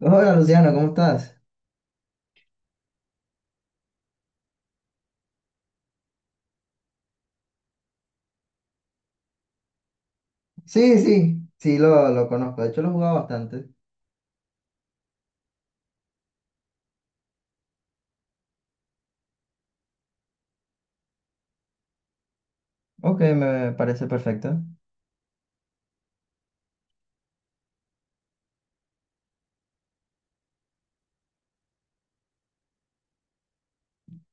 Hola Luciano, ¿cómo estás? Sí, sí, sí, lo conozco. De hecho, lo he jugado bastante. Ok, me parece perfecto.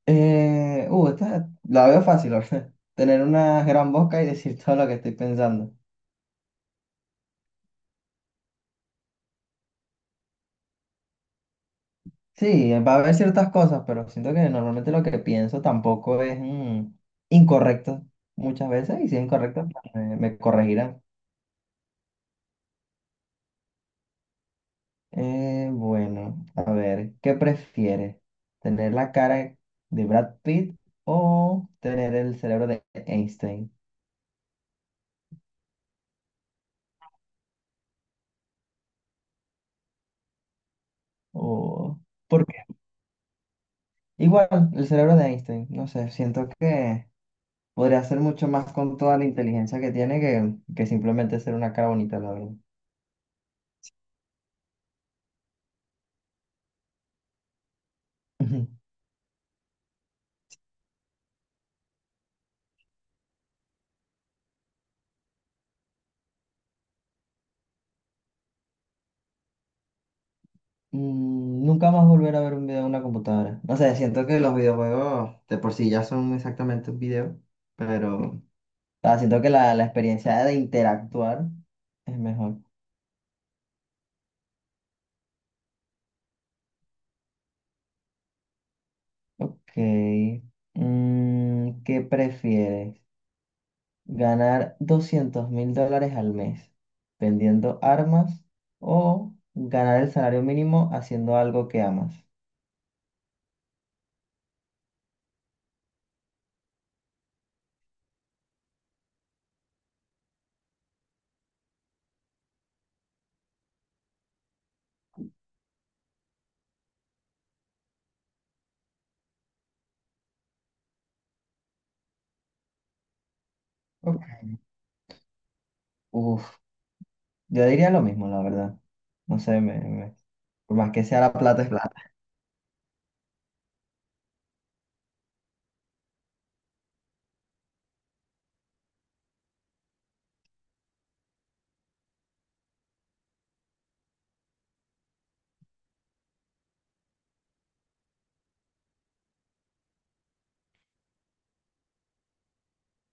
Esta la veo fácil, ¿verdad? Tener una gran boca y decir todo lo que estoy pensando. Sí, va a haber ciertas cosas, pero siento que normalmente lo que pienso tampoco es incorrecto muchas veces, y si es incorrecto, pues, me corregirán. Bueno, a ver, ¿qué prefieres? ¿Tener la cara de Brad Pitt o tener el cerebro de Einstein? O... ¿Por qué? Igual, el cerebro de Einstein, no sé, siento que podría hacer mucho más con toda la inteligencia que tiene que simplemente ser una cara bonita, la verdad. Ujú. Nunca más volver a ver un video en una computadora. No sé, siento que los videojuegos de por sí ya son exactamente un video, pero... Ah, siento que la experiencia de interactuar es mejor. Ok. ¿Qué prefieres? ¿Ganar $200,000 al mes vendiendo armas o ganar el salario mínimo haciendo algo que amas? Ok. Uf, yo diría lo mismo, la verdad. No sé. Por más que sea la plata es plata.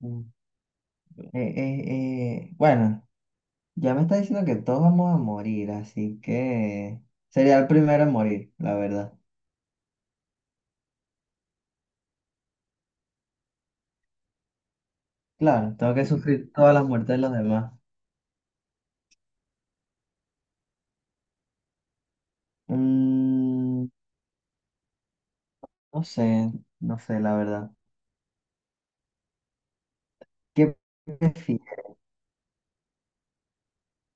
Mm. Eh, eh, bueno, ya me está diciendo que todos vamos a morir, así que sería el primero en morir, la verdad. Claro, tengo que sufrir todas las muertes de los demás. Mm, no sé, no sé, la verdad. ¿Qué prefieres?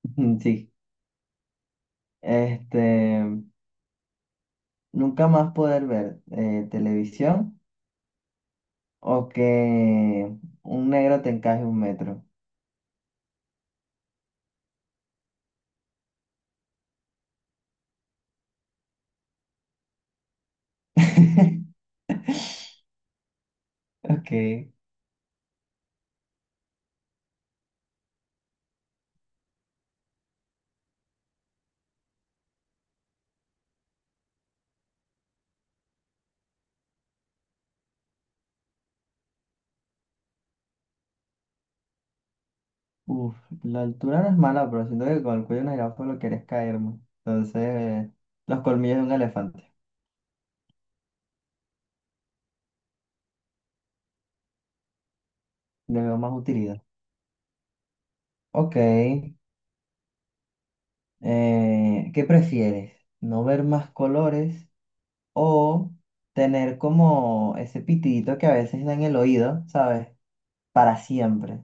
Sí, este, nunca más poder ver televisión o que un negro te encaje un metro. Ok, uf, la altura no es mala, pero siento que con el cuello de una jirafa lo quieres caerme. Entonces, los colmillos de un elefante. Le veo más utilidad. Ok. ¿Qué prefieres? ¿No ver más colores o tener como ese pitidito que a veces da en el oído, ¿sabes? Para siempre.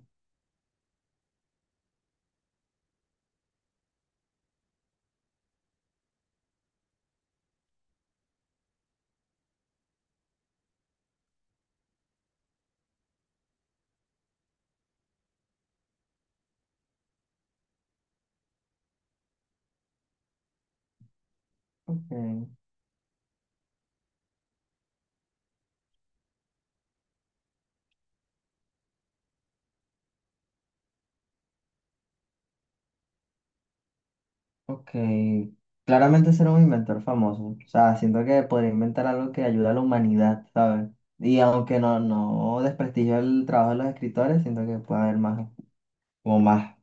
Ok, ok. Claramente ser un inventor famoso. O sea, siento que podría inventar algo que ayude a la humanidad, ¿sabes? Y aunque no, no desprestigio el trabajo de los escritores, siento que puede haber más, como más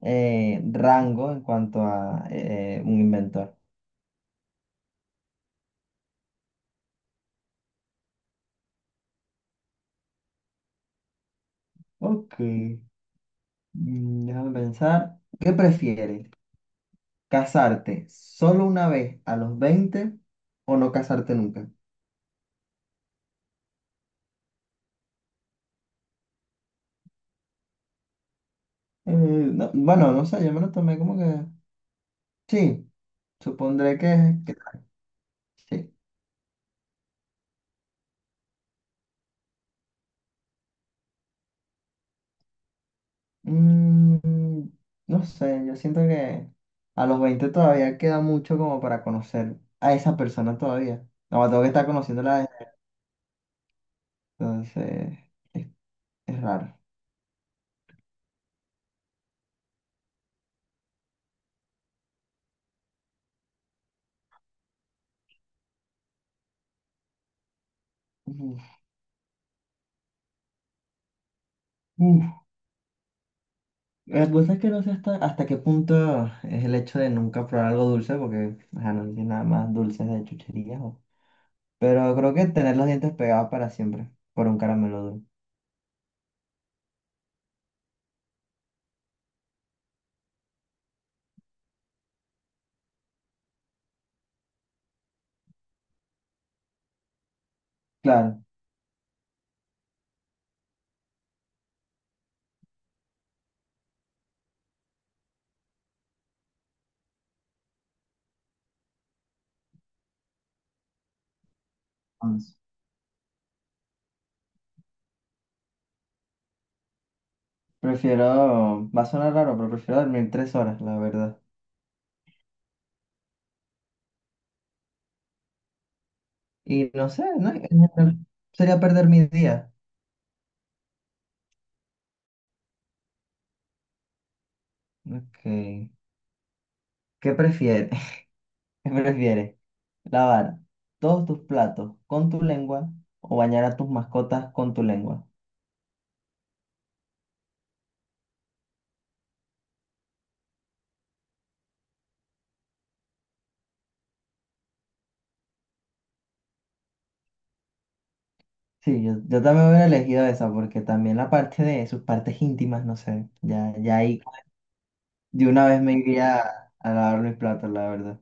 rango en cuanto a un inventor. Ok. Déjame pensar. ¿Qué prefieres? ¿Casarte solo una vez a los 20 o no casarte nunca? No, bueno, no sé, yo me lo tomé como que... Sí, supondré que sí. Mm, no sé, yo siento que a los 20 todavía queda mucho como para conocer a esa persona todavía. No, tengo que estar conociéndola desde- Entonces, es, es raro. Uf, uf. La cosa es que no sé hasta qué punto es el hecho de nunca probar algo dulce, porque ajá, no sé si nada más dulces de chucherías. Pero creo que tener los dientes pegados para siempre, por un caramelo duro. Claro, vamos. Prefiero, va a sonar raro, pero prefiero dormir 3 horas, la verdad. Y no sé, ¿no? En general, sería perder mi día. Ok. ¿Qué prefieres? ¿Qué prefieres? ¿Lavar todos tus platos con tu lengua o bañar a tus mascotas con tu lengua? Sí, yo también hubiera elegido esa porque también la parte de sus partes íntimas, no sé, ya, ya ahí de una vez me iría a lavar mis platos, la verdad.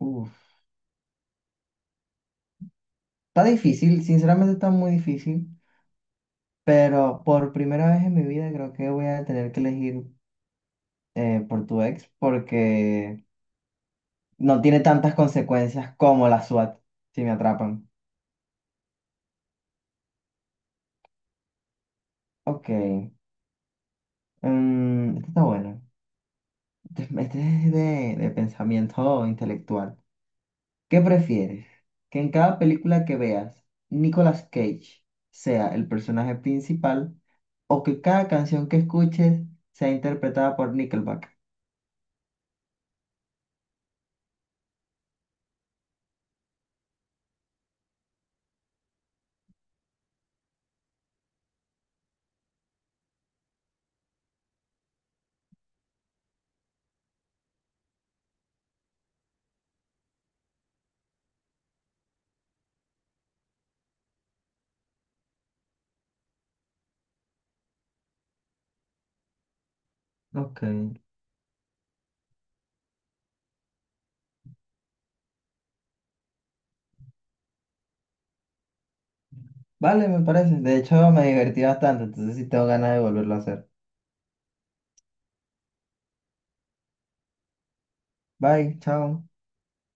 Uf. Está difícil, sinceramente está muy difícil, pero por primera vez en mi vida creo que voy a tener que elegir por tu ex porque no tiene tantas consecuencias como la SWAT si me atrapan. Ok, este está bueno. Este es de pensamiento intelectual. ¿Qué prefieres? ¿Que en cada película que veas Nicolas Cage sea el personaje principal o que cada canción que escuches sea interpretada por Nickelback? Ok. Vale, me parece. De hecho, me divertí bastante, entonces sí tengo ganas de volverlo a hacer. Bye, chao.